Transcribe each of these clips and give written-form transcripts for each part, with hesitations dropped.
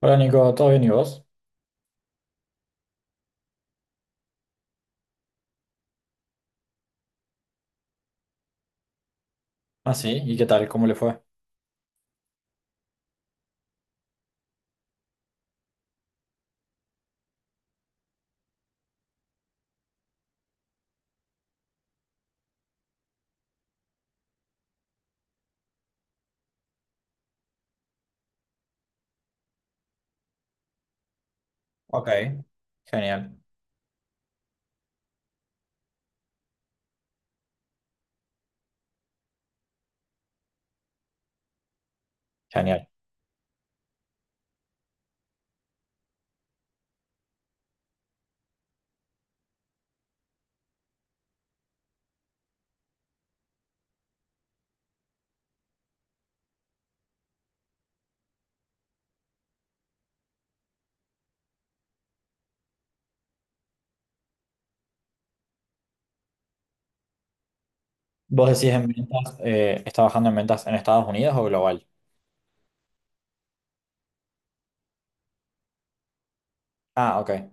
Hola Nico, ¿todo bien y vos? Ah, sí, ¿y qué tal? ¿Cómo le fue? Ok. Genial, genial. ¿Vos decís en ventas, estás trabajando en ventas en Estados Unidos o global? Ah, ok.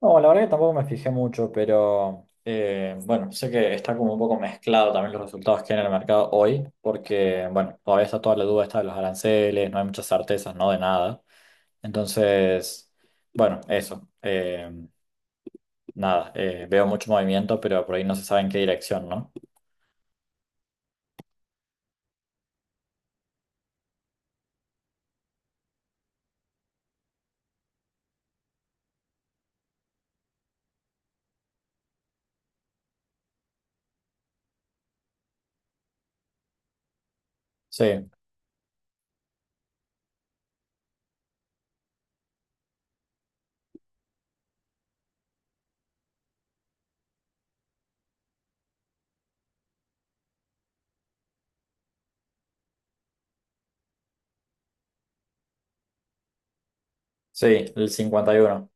No, la verdad que tampoco me fijé mucho, pero bueno, sé que está como un poco mezclado también los resultados que hay en el mercado hoy, porque bueno, todavía está toda la duda esta de los aranceles, no hay muchas certezas, no de nada. Entonces, bueno, eso. Nada, veo mucho movimiento, pero por ahí no se sabe en qué dirección, ¿no? Sí. Sí, el 51,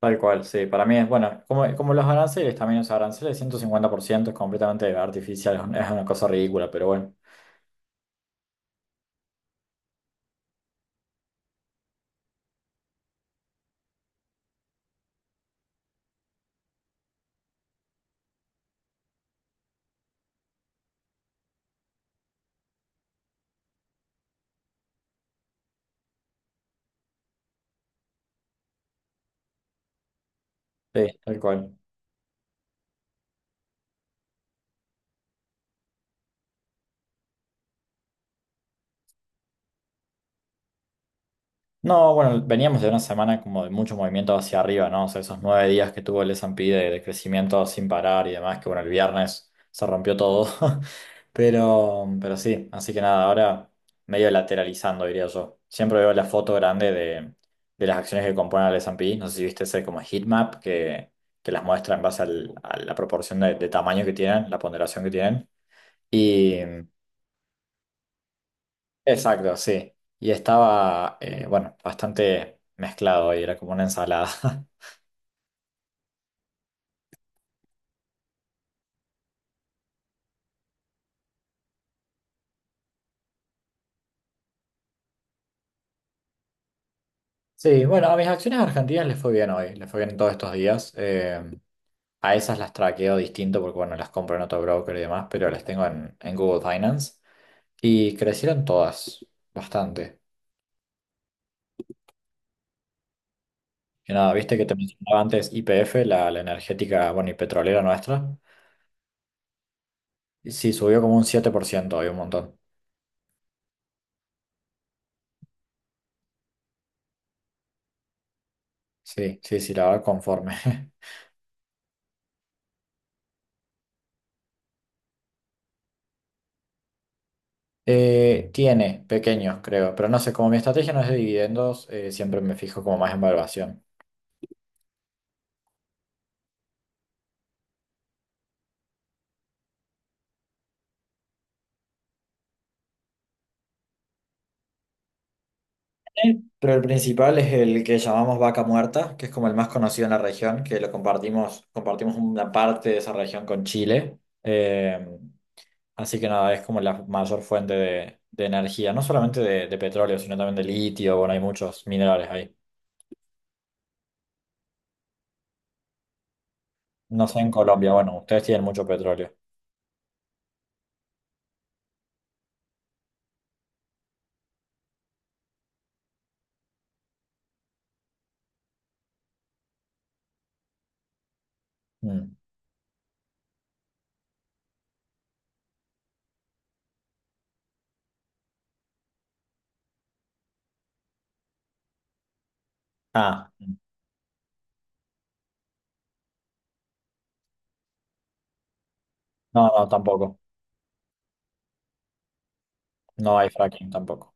tal cual, sí. Para mí es, bueno, como, como los aranceles también, los aranceles 150% es completamente artificial, es una cosa ridícula, pero bueno, sí, tal cual. No, bueno, veníamos de una semana como de mucho movimiento hacia arriba, ¿no? O sea, esos 9 días que tuvo el S&P de crecimiento sin parar y demás, que bueno, el viernes se rompió todo. Pero sí, así que nada, ahora medio lateralizando, diría yo. Siempre veo la foto grande de las acciones que componen el S&P. No sé si viste ese como heatmap que las muestra en base a la proporción de tamaño que tienen, la ponderación que tienen. Exacto, sí. Y estaba, bueno, bastante mezclado y era como una ensalada. Sí, bueno, a mis acciones argentinas les fue bien hoy, les fue bien todos estos días. A esas las traqueo distinto porque, bueno, las compro en otro broker y demás, pero las tengo en Google Finance. Y crecieron todas, bastante. Y nada, viste que te mencionaba antes YPF, la energética, bueno, y petrolera nuestra. Y sí, subió como un 7% hoy, un montón. Sí, sí, sí, la verdad, conforme. Tiene pequeños, creo, pero no sé, como mi estrategia no es de dividendos, siempre me fijo como más en valuación. Sí. Pero el principal es el que llamamos vaca muerta, que es como el más conocido en la región, que lo compartimos, compartimos una parte de esa región con Chile. Así que nada, es como la mayor fuente de energía, no solamente de petróleo, sino también de litio, bueno, hay muchos minerales ahí. No sé en Colombia, bueno, ustedes tienen mucho petróleo. Mm. Ah, no, no, tampoco. No hay fracking tampoco.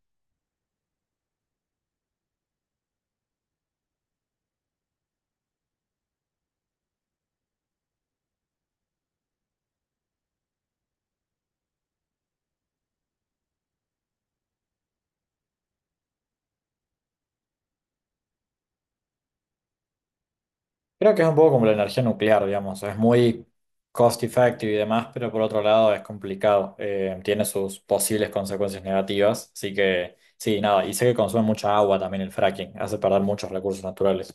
Creo que es un poco como la energía nuclear, digamos, es muy cost effective y demás, pero por otro lado es complicado, tiene sus posibles consecuencias negativas, así que sí, nada, y sé que consume mucha agua también el fracking, hace perder muchos recursos naturales.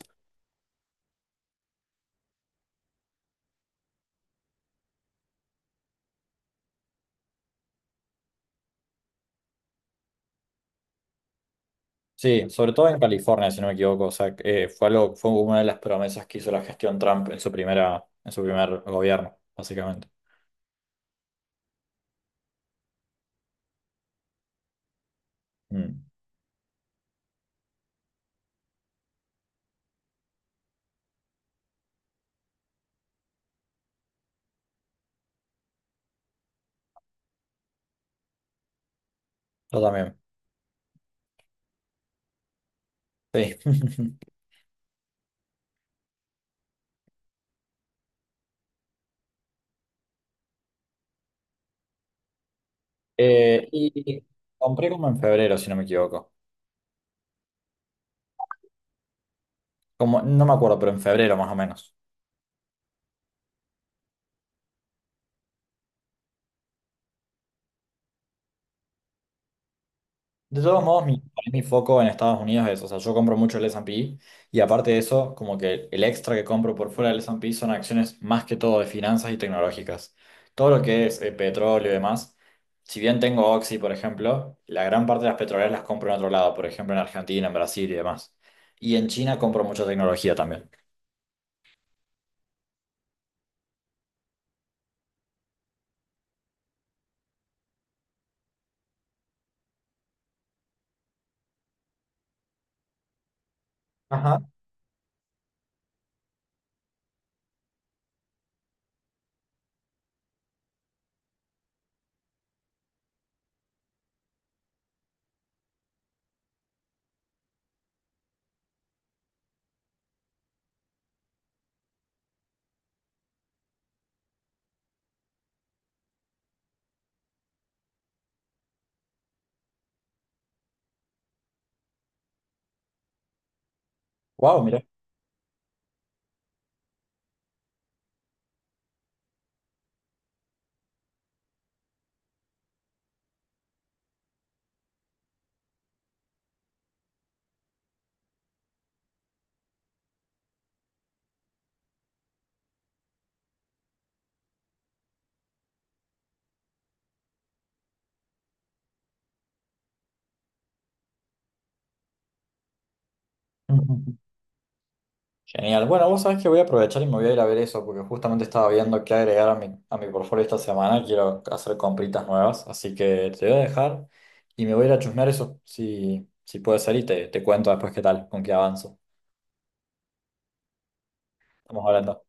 Sí, sobre todo en California, si no me equivoco, o sea, fue algo, fue una de las promesas que hizo la gestión Trump en su primera, en su primer gobierno, básicamente. Mm, yo también, sí. Y compré como en febrero, si no me equivoco, como, no me acuerdo, pero en febrero más o menos. De todos modos, para mí mi foco en Estados Unidos es, o sea, yo compro mucho el S&P y aparte de eso, como que el extra que compro por fuera del S&P son acciones más que todo de finanzas y tecnológicas. Todo lo que es petróleo y demás, si bien tengo Oxy, por ejemplo, la gran parte de las petroleras las compro en otro lado, por ejemplo, en Argentina, en Brasil y demás. Y en China compro mucha tecnología también. Ajá. Wow, mira. Genial. Bueno, vos sabés que voy a aprovechar y me voy a ir a ver eso porque justamente estaba viendo qué agregar a mi portfolio esta semana. Quiero hacer compritas nuevas, así que te voy a dejar y me voy a ir a chusmear eso, si puede ser, y te cuento después qué tal, con qué avanzo. Estamos hablando.